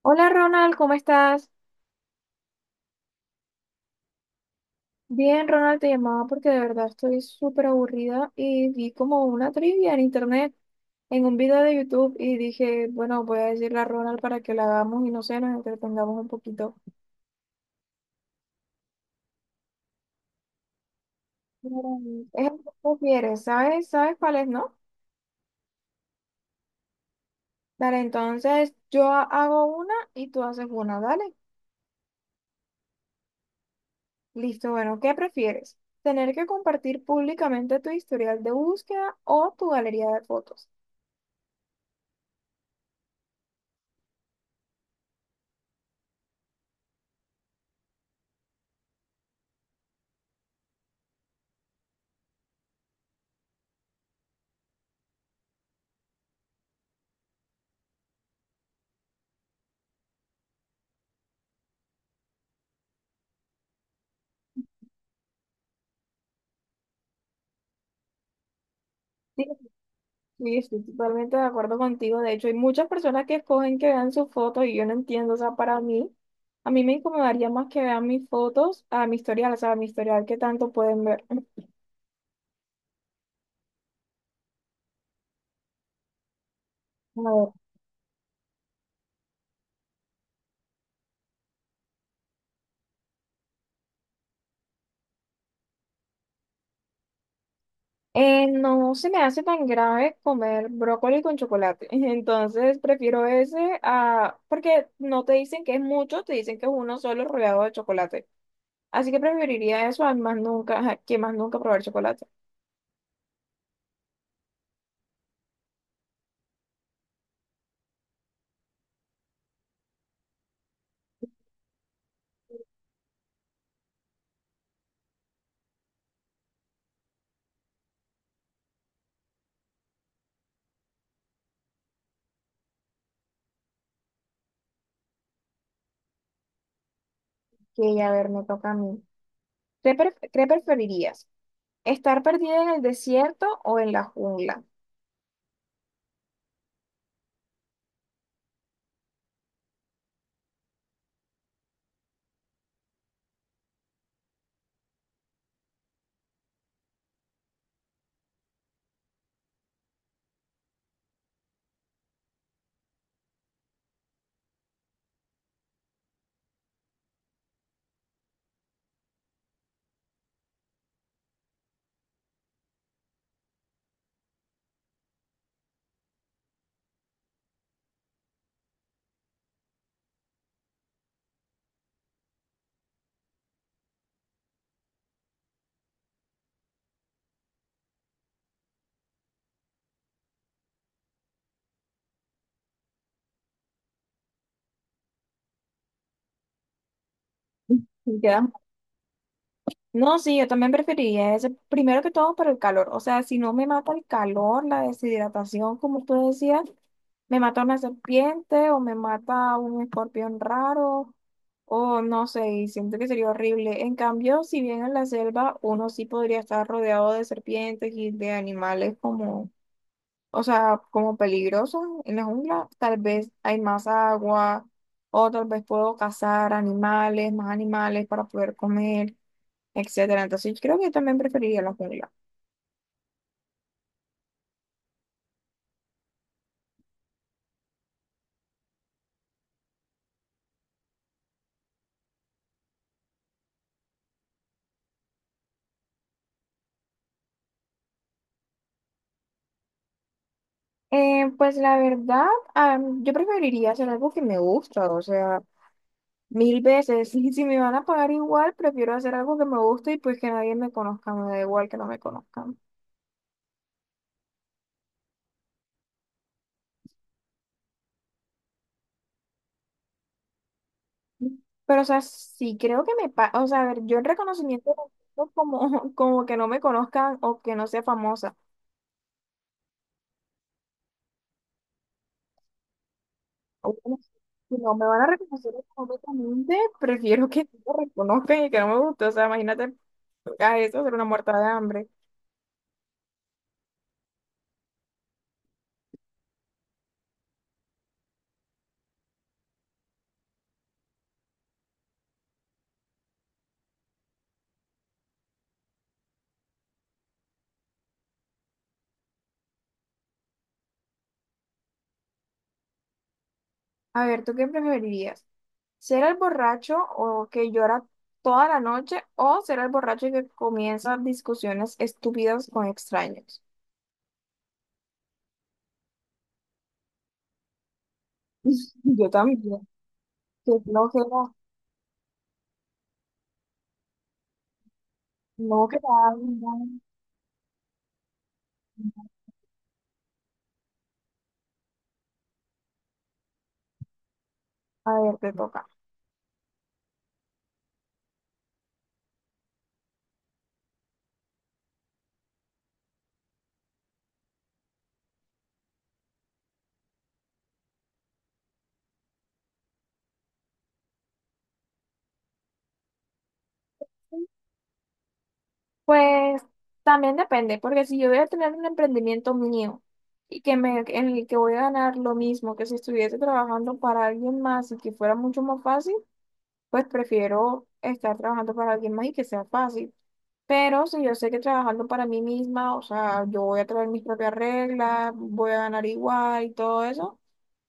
Hola Ronald, ¿cómo estás? Bien, Ronald, te llamaba porque de verdad estoy súper aburrida y vi como una trivia en internet, en un video de YouTube y dije, bueno, voy a decirle a Ronald para que la hagamos y no sé, nos entretengamos un poquito. Es lo que prefieres, ¿sabes? ¿Sabes cuál es, no? Dale, entonces yo hago una y tú haces una, dale. Listo, bueno, ¿qué prefieres? ¿Tener que compartir públicamente tu historial de búsqueda o tu galería de fotos? Sí, estoy totalmente de acuerdo contigo. De hecho, hay muchas personas que escogen que vean sus fotos y yo no entiendo. O sea, para mí, a mí me incomodaría más que vean mis fotos a mi historial, o sea, a mi historial que tanto pueden ver. A ver, no se me hace tan grave comer brócoli con chocolate. Entonces, prefiero ese a porque no te dicen que es mucho, te dicen que es uno solo rodeado de chocolate. Así que preferiría eso a más nunca, que más nunca probar chocolate. Que a ver, me toca a mí. ¿Qué, qué preferirías? ¿Estar perdida en el desierto o en la jungla? Y quedamos. No, sí, yo también preferiría ese, primero que todo por el calor. O sea, si no me mata el calor, la deshidratación, como usted decía, me mata una serpiente o me mata un escorpión raro o no sé, y siento que sería horrible. En cambio, si bien en la selva uno sí podría estar rodeado de serpientes y de animales como, o sea, como peligroso en la jungla, tal vez hay más agua, o tal vez puedo cazar animales, más animales para poder comer, etcétera. Entonces, yo creo que yo también preferiría la jungla. Pues la verdad, yo preferiría hacer algo que me gusta, o sea, mil veces. Y si me van a pagar igual, prefiero hacer algo que me guste y pues que nadie me conozca, me da igual que no me conozcan. Pero, o sea, sí creo que me pasa, o sea, a ver, yo el reconocimiento busco como, como que no me conozcan o que no sea famosa. O bueno, si no me van a reconocer completamente, prefiero que no me reconozcan y que no me guste. O sea, imagínate a eso ser una muerta de hambre. A ver, ¿tú qué preferirías? ¿Ser el borracho o que llora toda la noche o ser el borracho que comienza discusiones estúpidas con extraños? Yo también. Qué flojera. No, que te hagan daño. A ver, te toca. Pues también depende, porque si yo voy a tener un emprendimiento mío y que me, en el que voy a ganar lo mismo que si estuviese trabajando para alguien más y que fuera mucho más fácil, pues prefiero estar trabajando para alguien más y que sea fácil. Pero si yo sé que trabajando para mí misma, o sea, yo voy a traer mis propias reglas, voy a ganar igual y todo eso,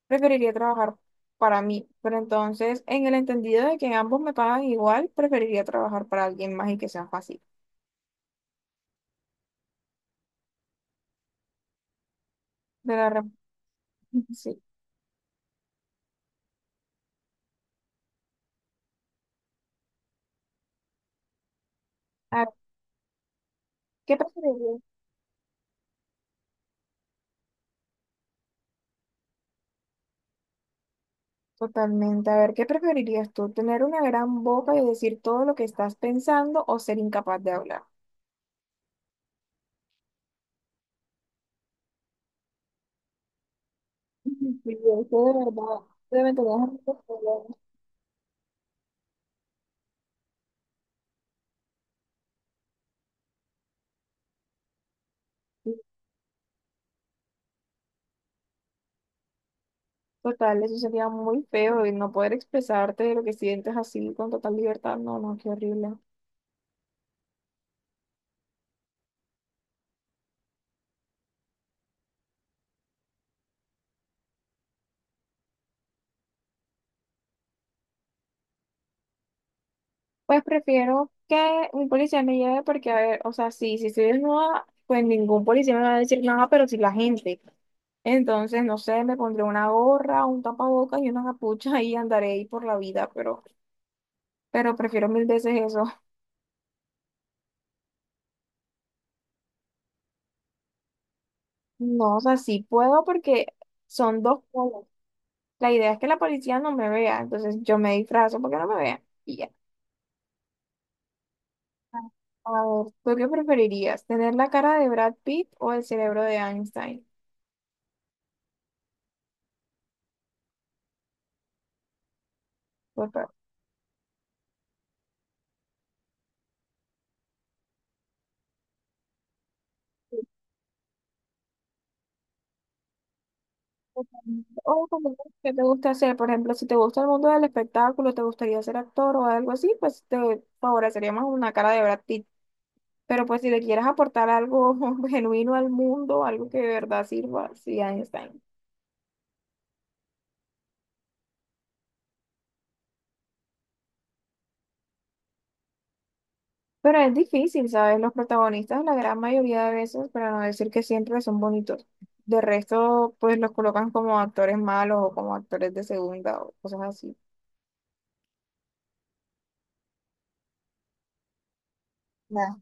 preferiría trabajar para mí. Pero entonces, en el entendido de que ambos me pagan igual, preferiría trabajar para alguien más y que sea fácil. De la rem- sí. A ver, ¿qué preferirías? Totalmente. A ver, ¿qué preferirías tú? ¿Tener una gran boca y decir todo lo que estás pensando o ser incapaz de hablar? Sí, eso de verdad. Obviamente no es un problema. Total, eso sería muy feo y no poder expresarte de lo que sientes así con total libertad. No, no, qué horrible. Pues prefiero que un policía me lleve porque, a ver, o sea, sí, si estoy desnuda, pues ningún policía me va a decir nada, pero si la gente. Entonces, no sé, me pondré una gorra, un tapabocas y una capucha y andaré ahí por la vida, pero prefiero mil veces eso. No, o sea, sí puedo porque son dos cosas. La idea es que la policía no me vea, entonces yo me disfrazo porque no me vean y ya. A ver, ¿tú qué preferirías? ¿Tener la cara de Brad Pitt o el cerebro de Einstein? Por favor. O como que te gusta hacer, por ejemplo, si te gusta el mundo del espectáculo, te gustaría ser actor o algo así, pues te favorecería más una cara de Brad Pitt. Pero pues si le quieres aportar algo genuino al mundo, algo que de verdad sirva, sí, Einstein. Pero es difícil, ¿sabes? Los protagonistas, la gran mayoría de veces, para no decir que siempre son bonitos. De resto, pues los colocan como actores malos o como actores de segunda o cosas así. Nah.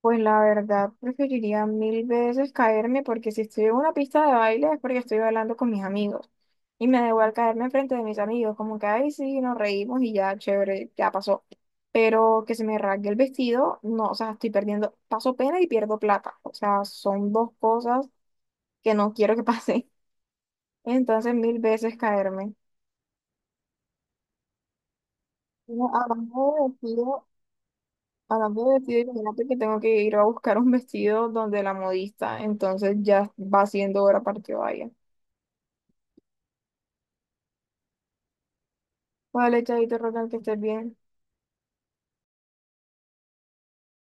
Pues la verdad, preferiría mil veces caerme porque si estoy en una pista de baile es porque estoy bailando con mis amigos. Y me da igual caerme enfrente de mis amigos, como que, ay, sí, nos reímos y ya, chévere, ya pasó. Pero que se me rasgue el vestido, no, o sea, estoy perdiendo, paso pena y pierdo plata. O sea, son dos cosas que no quiero que pase. Entonces, mil veces caerme. No, hablando de vestido, hablando de vestido, imagínate que tengo que ir a buscar un vestido donde la modista, entonces ya va siendo hora para que vaya. Vale, chavito, Rogan, que estés bien.